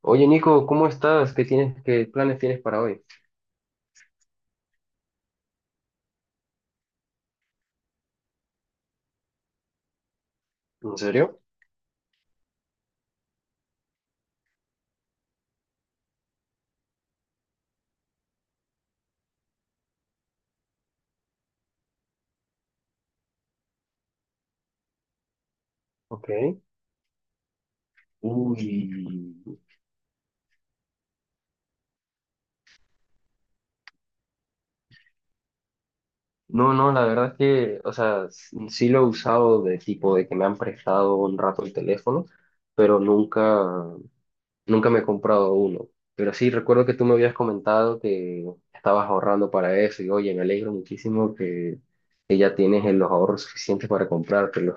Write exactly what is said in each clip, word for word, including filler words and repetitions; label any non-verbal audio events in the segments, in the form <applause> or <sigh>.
Oye, Nico, ¿cómo estás? ¿Qué tienes, qué planes tienes para hoy? ¿En serio? Ok. Uy, no, no, la verdad es que, o sea, s- sí lo he usado de tipo de que me han prestado un rato el teléfono, pero nunca, nunca me he comprado uno. Pero sí, recuerdo que tú me habías comentado que estabas ahorrando para eso y oye, me alegro muchísimo que, que ya tienes eh, los ahorros suficientes para comprártelo.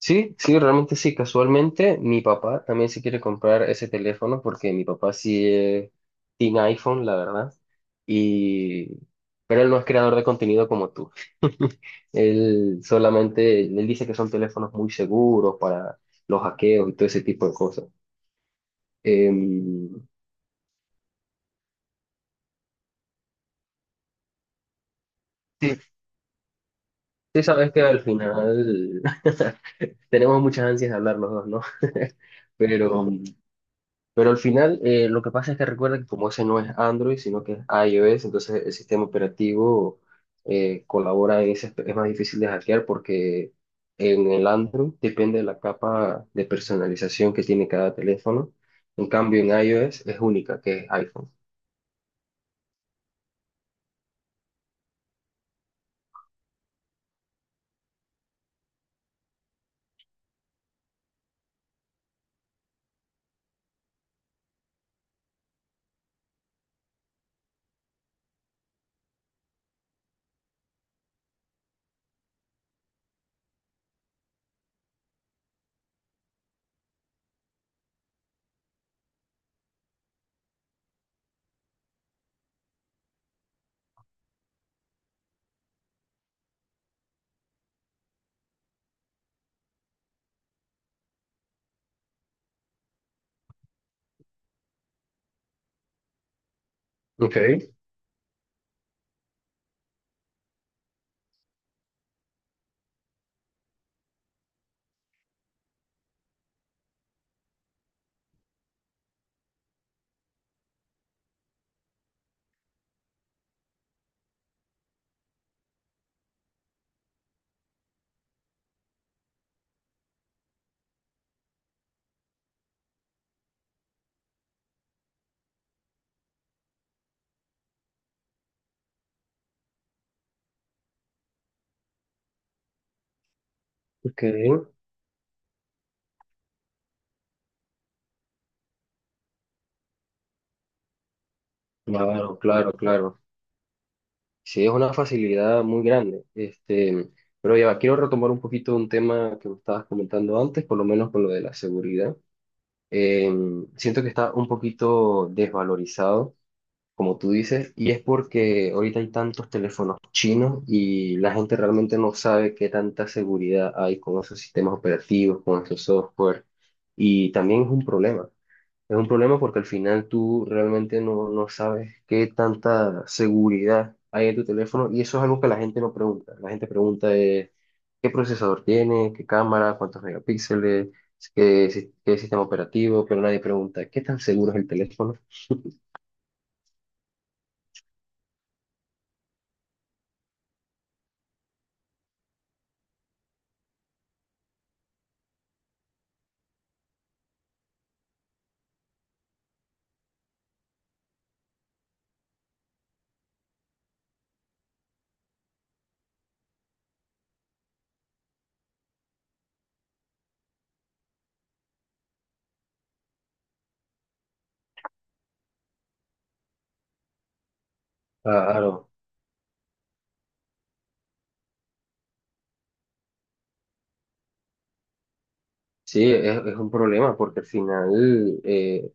Sí, sí, realmente sí. Casualmente, mi papá también se quiere comprar ese teléfono porque mi papá sí eh, tiene iPhone, la verdad. Y... Pero él no es creador de contenido como tú. <laughs> Él solamente, él dice que son teléfonos muy seguros para los hackeos y todo ese tipo de cosas. Em, sí, sí sabes que al final <laughs> tenemos muchas ansias de hablar los dos, ¿no? <laughs> Pero Pero al final, eh, lo que pasa es que recuerda que como ese no es Android, sino que es iOS, entonces el sistema operativo eh, colabora en ese, aspe- es más difícil de hackear porque en el Android depende de la capa de personalización que tiene cada teléfono. En cambio, en iOS es única, que es iPhone. Ok, ok. Claro, claro, claro. Sí, es una facilidad muy grande. Este, pero ya va, quiero retomar un poquito un tema que me estabas comentando antes, por lo menos con lo de la seguridad. eh, Siento que está un poquito desvalorizado, como tú dices, y es porque ahorita hay tantos teléfonos chinos y la gente realmente no sabe qué tanta seguridad hay con esos sistemas operativos, con esos software, y también es un problema. Es un problema porque al final tú realmente no, no sabes qué tanta seguridad hay en tu teléfono y eso es algo que la gente no pregunta. La gente pregunta qué procesador tiene, qué cámara, cuántos megapíxeles, qué, si- qué sistema operativo, pero nadie pregunta, ¿qué tan seguro es el teléfono? Claro, sí, es, es un problema porque al final eh,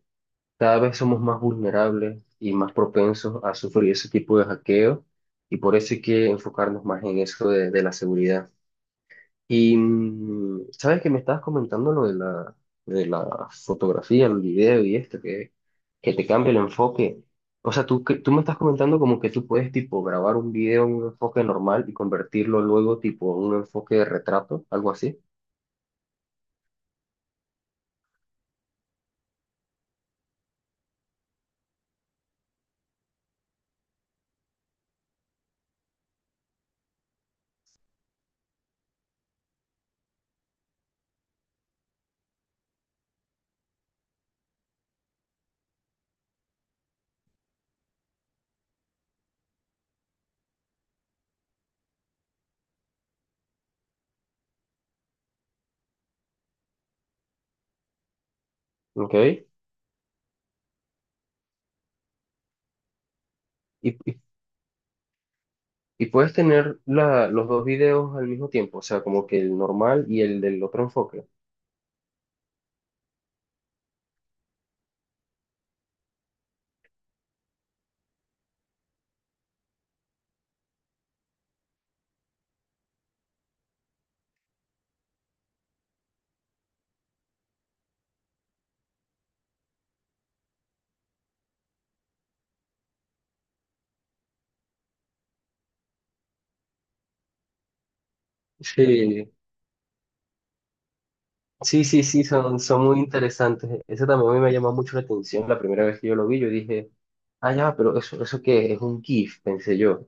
cada vez somos más vulnerables y más propensos a sufrir ese tipo de hackeo y por eso hay que enfocarnos más en eso de de la seguridad. Y mm, sabes que me estabas comentando lo de la, de la fotografía, el video y esto, que, que te cambia el enfoque. O sea, tú, que- tú me estás comentando como que tú puedes tipo grabar un video en un enfoque normal y convertirlo luego tipo en un enfoque de retrato, algo así, ¿ok? Y, y, y puedes tener la, los dos videos al mismo tiempo, o sea, como que el normal y el del otro enfoque. Sí, sí, sí, sí, son, son muy interesantes. Ese también a mí me llamó mucho la atención la primera vez que yo lo vi. Yo dije, ah, ya, pero eso, eso qué es un GIF, pensé yo.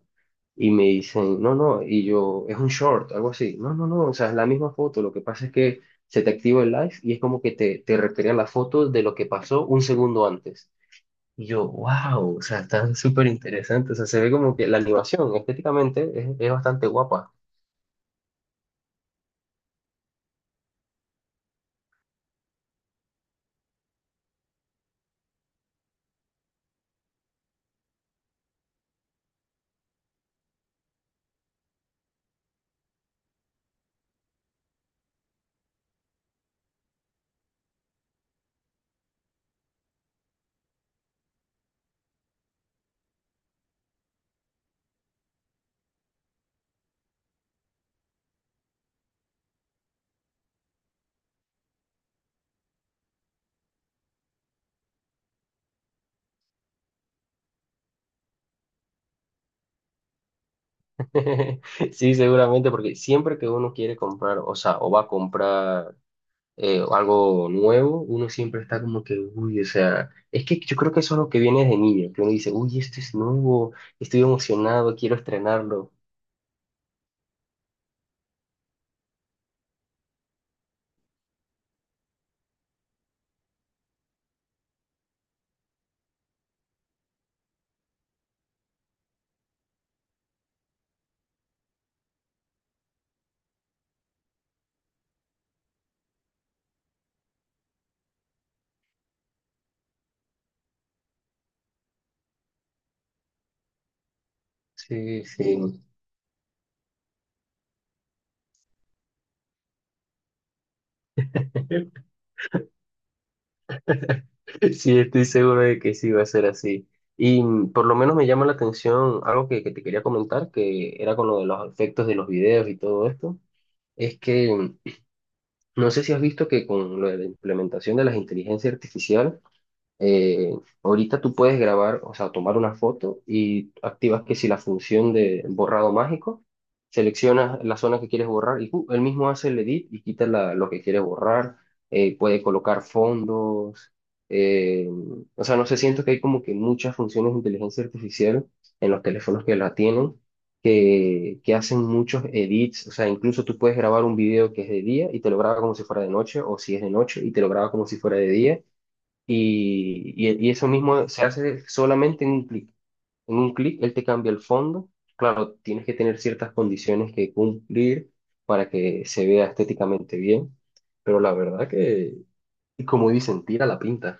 Y me dicen, no, no, y yo, es un short, algo así. No, no, no, o sea, es la misma foto. Lo que pasa es que se te activa el live y es como que te, te recrean la foto de lo que pasó un segundo antes. Y yo, wow, o sea, está súper interesante. O sea, se ve como que la animación estéticamente es, es bastante guapa. <laughs> Sí, seguramente, porque siempre que uno quiere comprar, o sea, o va a comprar eh, o algo nuevo, uno siempre está como que, uy, o sea, es que yo creo que eso es lo que viene desde niño, que uno dice, uy, esto es nuevo, estoy emocionado, quiero estrenarlo. Sí, sí, sí, <laughs> estoy seguro de que sí va a ser así. Y mm, por lo menos me llama la atención algo que, que te quería comentar, que era con lo de los efectos de los videos y todo esto, es que mm, no sé si has visto que con lo de la implementación de las inteligencias artificiales, eh, ahorita tú puedes grabar, o sea, tomar una foto y activas que si la función de borrado mágico, seleccionas la zona que quieres borrar y ¡pum! Él mismo hace el edit y quita la- lo que quieres borrar, eh, puede colocar fondos, eh, o sea, no sé, siento que hay como que muchas funciones de inteligencia artificial en los teléfonos que la tienen. Que, que hacen muchos edits, o sea, incluso tú puedes grabar un video que es de día y te lo graba como si fuera de noche, o si es de noche y te lo graba como si fuera de día, y, y- y eso mismo se hace solamente en un clic. En un clic él te cambia el fondo. Claro, tienes que tener ciertas condiciones que cumplir para que se vea estéticamente bien, pero la verdad que, y como dicen, tira la pinta.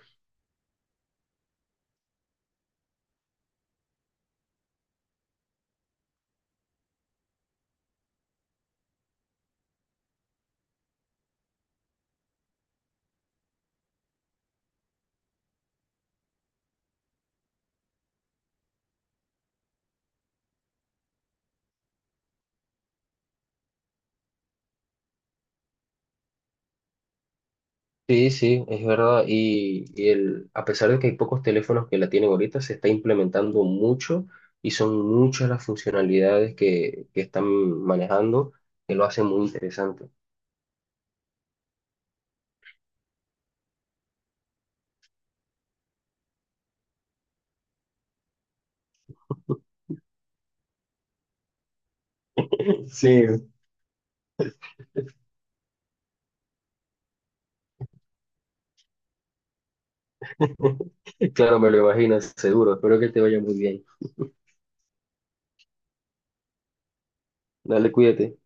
Sí, sí, es verdad. Y, y el, a pesar de que hay pocos teléfonos que la tienen ahorita, se está implementando mucho y son muchas las funcionalidades que, que están manejando que lo hacen muy interesante. <laughs> Sí. Claro, me lo imaginas, seguro. Espero que te vaya muy bien. Dale, cuídate.